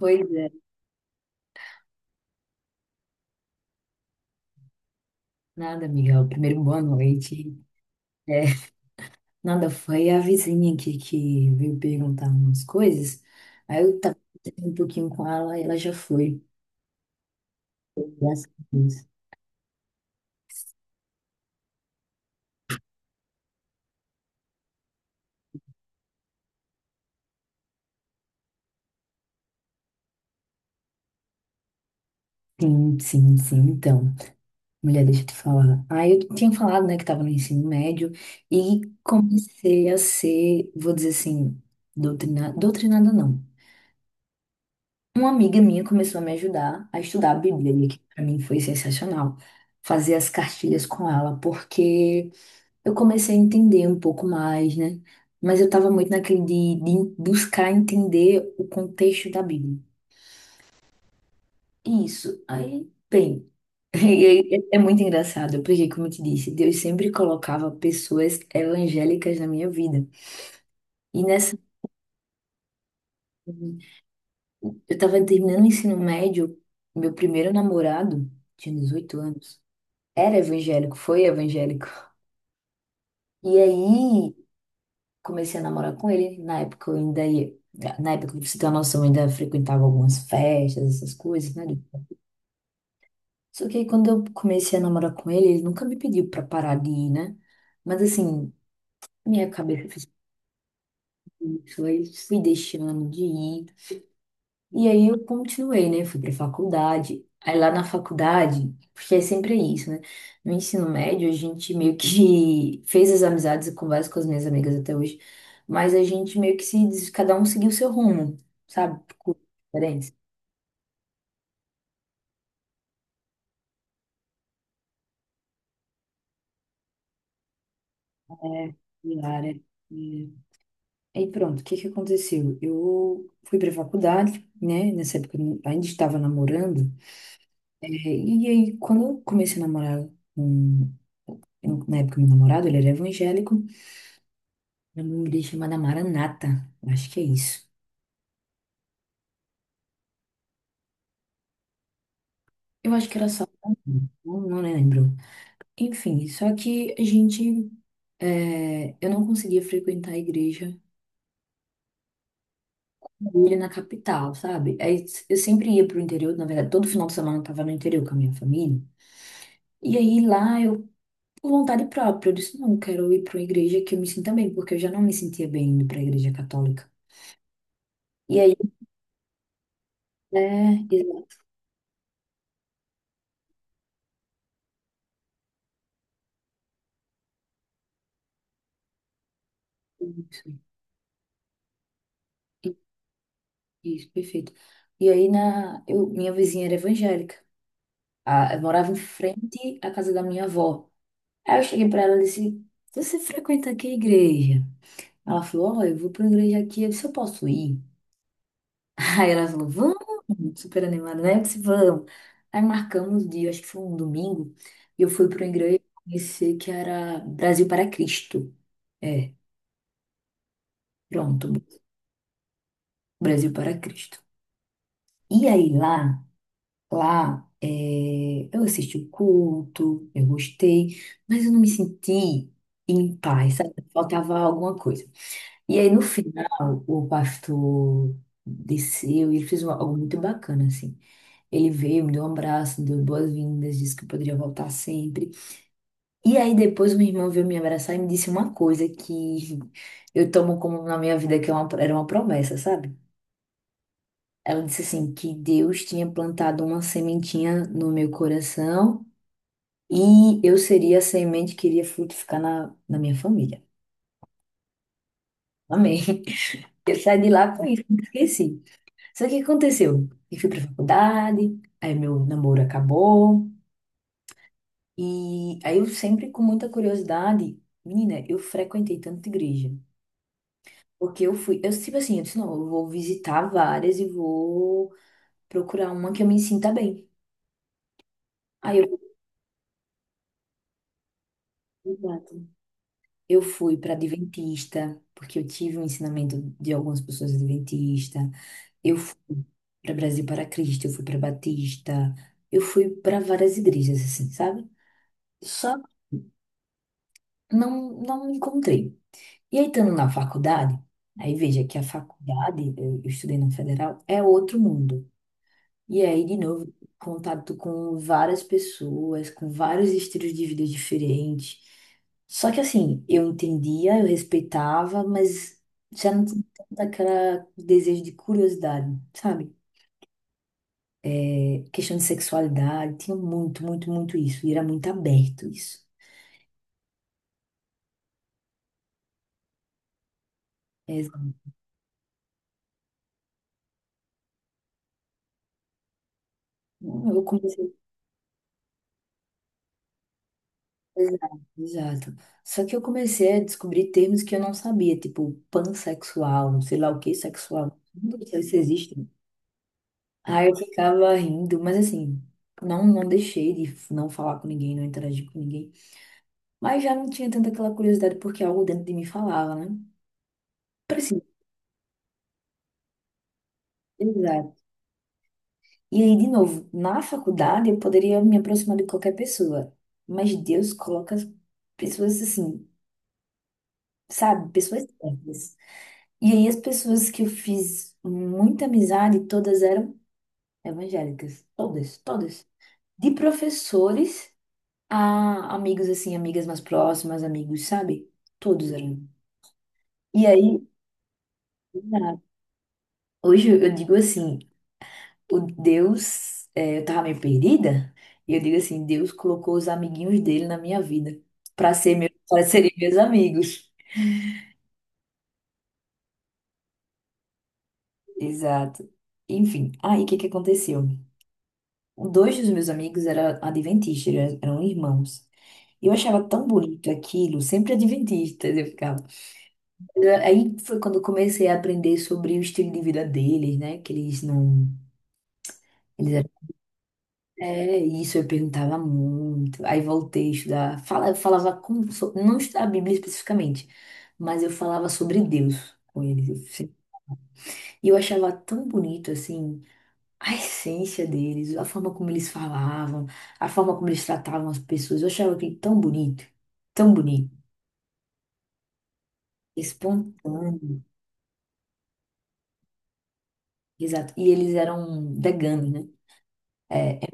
Pois é, nada, Miguel. Primeiro, boa noite. É, nada, foi a vizinha aqui que veio perguntar umas coisas. Aí eu tava conversando um pouquinho com ela e ela já foi. Graças a Deus. Sim, sim, sim. Então, mulher, deixa eu te falar. Aí eu tinha falado, né, que tava no ensino médio e comecei a ser, vou dizer assim, doutrinada, doutrinada não. Uma amiga minha começou a me ajudar a estudar a Bíblia, e que para mim foi sensacional. Fazer as cartilhas com ela, porque, eu comecei a entender um pouco mais, né? Mas eu estava muito naquele de buscar entender o contexto da Bíblia. Isso. Aí, bem, é muito engraçado, porque, como eu te disse, Deus sempre colocava pessoas evangélicas na minha vida. E nessa, eu estava terminando o ensino médio, meu primeiro namorado, tinha 18 anos, era evangélico, foi evangélico. E aí, comecei a namorar com ele. Na época eu ainda ia. Na época, pra você ter uma noção, eu ainda frequentava algumas festas, essas coisas, né? Só que aí quando eu comecei a namorar com ele, ele nunca me pediu pra parar de ir, né? Mas assim, minha cabeça fez isso, aí fui deixando de ir. E aí eu continuei, né? Fui pra faculdade. Aí lá na faculdade, porque é sempre isso, né? No ensino médio, a gente meio que fez as amizades, eu converso com as minhas amigas até hoje, mas a gente meio que se, des- cada um seguiu o seu rumo, sabe? Com diferença. É, e área. E aí pronto, o que que aconteceu? Eu fui pra faculdade, né? Nessa época eu ainda estava namorando. E aí, quando eu comecei a namorar com, na época, meu namorado, ele era evangélico. Era uma igreja chamada Maranata, acho que é isso. Eu acho que era só. Não, não lembro. Enfim, só que a gente. Eu não conseguia frequentar a igreja dele na capital, sabe? Aí eu sempre ia pro interior, na verdade, todo final de semana eu tava no interior com a minha família. E aí lá eu, por vontade própria, eu disse: não, eu quero ir pra uma igreja que eu me sinta bem, porque eu já não me sentia bem indo pra igreja católica. E aí, é, exato, isso, isso, perfeito. E aí minha vizinha era evangélica. Ah, eu morava em frente à casa da minha avó. Aí eu cheguei pra ela e disse: Você frequenta que igreja? Ela falou: Ó, eu vou pra igreja aqui. Eu disse: Eu posso ir? Aí ela falou: Vamos, super animada, né? Eu disse: Vamos. Aí marcamos o dia, acho que foi um domingo, e eu fui pra uma igreja conhecer que era Brasil para Cristo. É, Pronto, Brasil para Cristo. E aí lá. Lá, eu assisti o culto, eu gostei, mas eu não me senti em paz, sabe? Faltava alguma coisa. E aí, no final, o pastor desceu e ele fez algo muito bacana, assim. Ele veio, me deu um abraço, me deu boas-vindas, disse que eu poderia voltar sempre. E aí, depois, minha irmã veio me abraçar e me disse uma coisa que eu tomo como na minha vida, que era uma promessa, sabe? Ela disse assim, que Deus tinha plantado uma sementinha no meu coração. E eu seria a semente que iria frutificar na minha família. Amém. Eu saí de lá com isso, nunca esqueci. Só que o que aconteceu? Eu fui pra faculdade, aí meu namoro acabou. E aí eu sempre com muita curiosidade, menina, eu frequentei tanta igreja. Porque eu fui, eu tipo assim, eu disse, não, eu vou visitar várias e vou procurar uma que eu me sinta bem. Aí eu, exato. Eu fui para Adventista, porque eu tive um ensinamento de algumas pessoas adventistas. Eu fui para Brasil para Cristo, eu fui para Batista, eu fui para várias igrejas, assim, sabe? Só não, não me encontrei. E aí, estando na faculdade, aí veja que a faculdade, eu estudei na Federal, é outro mundo. E aí, de novo, contato com várias pessoas, com vários estilos de vida diferentes. Só que, assim, eu entendia, eu respeitava, mas já não tinha tanto aquele desejo de curiosidade, sabe? Questão de sexualidade, tinha muito, muito, muito isso, e era muito aberto isso. Exato. Eu comecei, exato, exato. Só que eu comecei a descobrir termos que eu não sabia, tipo pansexual, sei lá o que sexual. Não sei se existe. Aí eu ficava rindo, mas assim, não, não deixei de não falar com ninguém, não interagir com ninguém. Mas já não tinha tanta aquela curiosidade, porque algo dentro de mim falava, né? Preciso. E aí, de novo, na faculdade eu poderia me aproximar de qualquer pessoa, mas Deus coloca as pessoas assim, sabe? Pessoas certas. E aí, as pessoas que eu fiz muita amizade, todas eram evangélicas. Todas, todas. De professores a amigos, assim, amigas mais próximas, amigos, sabe? Todos eram. E aí, na- hoje eu digo assim. O Deus, eu tava meio perdida, e eu digo assim, Deus colocou os amiguinhos dele na minha vida para ser meu, para serem meus amigos. Exato. Enfim, aí o que que aconteceu? Dois dos meus amigos eram adventistas, eram irmãos. E eu achava tão bonito aquilo, sempre adventistas eu ficava. Aí foi quando eu comecei a aprender sobre o estilo de vida deles, né? Que eles não, eles. É isso, eu perguntava muito. Aí voltei a estudar. Eu falava não estudar a Bíblia especificamente, mas eu falava sobre Deus com eles. Eu se- E eu achava tão bonito assim a essência deles, a forma como eles falavam, a forma como eles tratavam as pessoas. Eu achava aquilo tão bonito, espontâneo. Exato. E eles eram veganos, né? É, é.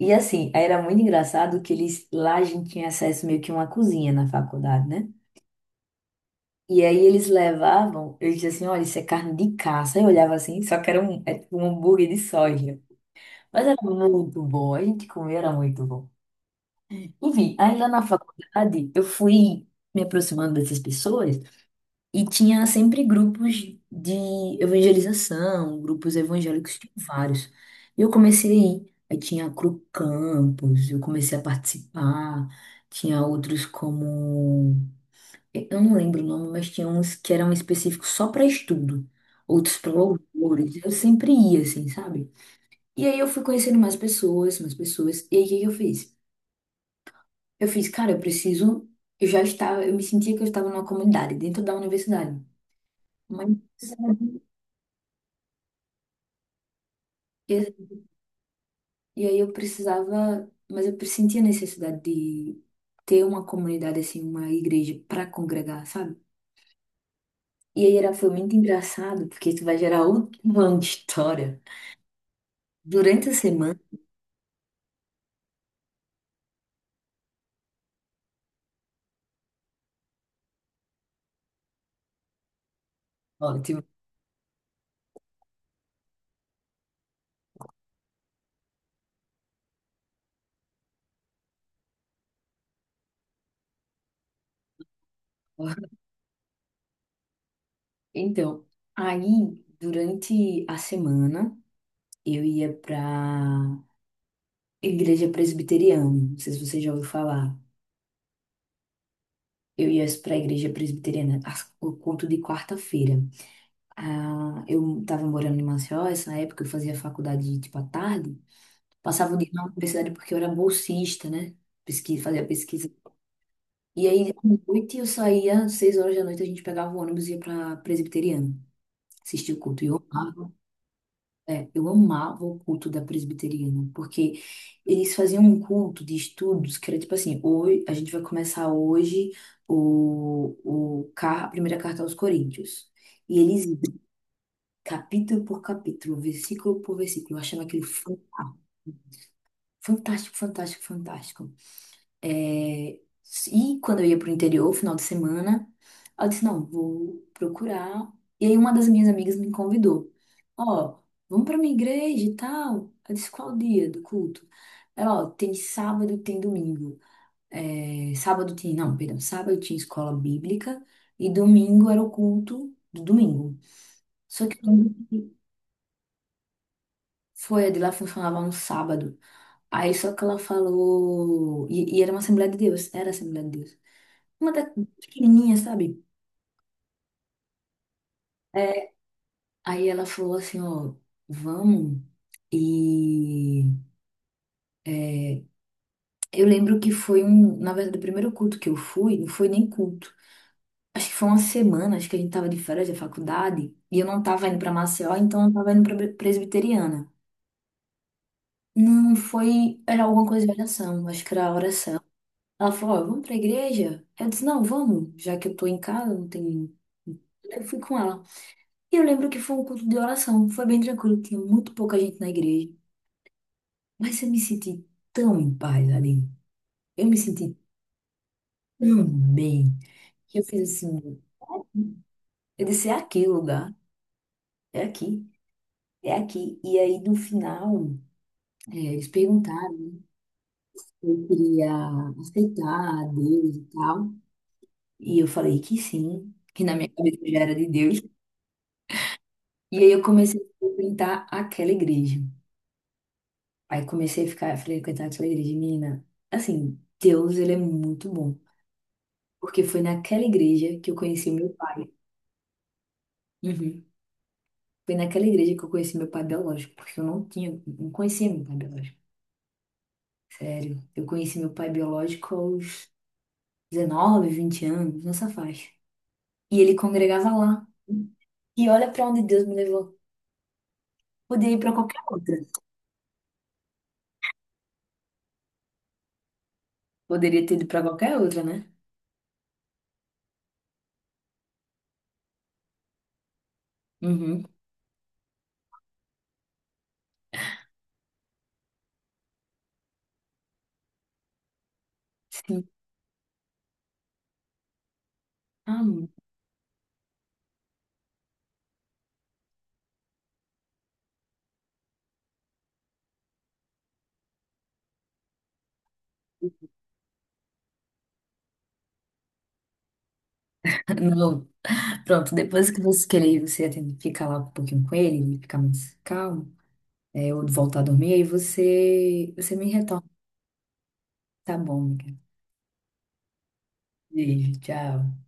E assim, era muito engraçado que eles lá a gente tinha acesso meio que a uma cozinha na faculdade, né? E aí eles levavam, eles diziam assim, olha, isso é carne de caça. Eu olhava assim, só que era um, é tipo um hambúrguer de soja. Mas era muito bom, a gente comia, era muito bom. Enfim, aí lá na faculdade eu fui me aproximando dessas pessoas e tinha sempre grupos de evangelização, grupos evangélicos, tinha vários. E eu comecei a ir. Aí tinha a Cru Campus, eu comecei a participar. Tinha outros como eu não lembro o nome, mas tinha uns que eram específicos só para estudo, outros para louvores. Eu sempre ia, assim, sabe? E aí eu fui conhecendo mais pessoas, mais pessoas. E aí o que que eu fiz? Eu fiz, cara, eu preciso. Eu já estava, eu me sentia que eu estava numa comunidade, dentro da universidade. Mas e, e aí eu precisava, mas eu sentia a necessidade de ter uma comunidade, assim, uma igreja para congregar, sabe? E aí era, foi muito engraçado, porque isso vai gerar outra história. Durante a semana, ótimo. Então, aí, durante a semana, eu ia pra igreja presbiteriana. Não sei se você já ouviu falar. Eu ia pra igreja presbiteriana, o culto de quarta-feira. Ah, eu tava morando em Maceió, essa época eu fazia faculdade, tipo, à tarde. Passava o dia na universidade porque eu era bolsista, né? Pesquisa, fazia pesquisa. E aí, à noite, eu saía, às 6 horas da noite, a gente pegava o ônibus e ia pra presbiteriana. Assistir o culto. E eu amava. Eu amava o culto da presbiteriana, porque eles faziam um culto de estudos que era tipo assim, hoje, a gente vai começar hoje a primeira carta aos Coríntios. E eles, iam capítulo por capítulo, versículo por versículo, eu achava aquilo fantástico, fantástico, fantástico. É, E quando eu ia pro interior, final de semana, eu disse, não, vou procurar. E aí uma das minhas amigas me convidou. Ó, vamos pra minha igreja e tal. Eu disse, qual o dia do culto? Ela, ó, tem sábado e tem domingo. Sábado tinha, não, perdão, sábado tinha escola bíblica e domingo era o culto do domingo. Só que foi, a de lá funcionava no sábado. Aí só que ela falou, e era uma Assembleia de Deus, era a Assembleia de Deus. Uma da pequenininha, sabe? É, aí ela falou assim, ó, vamos. E é, eu lembro que foi um, na verdade, o primeiro culto que eu fui, não foi nem culto. Acho que foi uma semana, acho que a gente tava de férias da faculdade, e eu não tava indo pra Maceió, então eu tava indo pra Presbiteriana. Não foi, era alguma coisa de oração, acho que era oração. Ela falou, ó, vamos pra igreja? Eu disse, não, vamos, já que eu tô em casa, não tem. Eu fui com ela. E eu lembro que foi um culto de oração, foi bem tranquilo, tinha muito pouca gente na igreja. Mas eu me senti tão em paz ali. Eu me senti tão bem. Que eu fiz assim, eu disse, é aqui o lugar, é aqui, é aqui. E aí no final, eles perguntaram se eu queria aceitar a Deus e tal. E eu falei que sim, que na minha cabeça já era de Deus. E aí eu comecei a frequentar aquela igreja. Aí comecei a ficar, a frequentar aquela igreja, menina. Assim, Deus, ele é muito bom. Porque foi naquela igreja que eu conheci meu pai. Uhum. Foi naquela igreja que eu conheci meu pai biológico, porque eu não tinha, não conhecia meu pai biológico. Sério. Eu conheci meu pai biológico aos 19, 20 anos, nessa faixa. E ele congregava lá. E olha pra onde Deus me levou. Poderia ir pra qualquer outra. Poderia ter ido pra qualquer outra, né? Uhum. Sim. Ah, não. Não. Pronto, depois que você querer, você tem- que ficar lá um pouquinho com ele, ele ficar mais calmo, ou voltar a dormir, aí você me retorna. Tá bom, amiga. Beijo, tchau.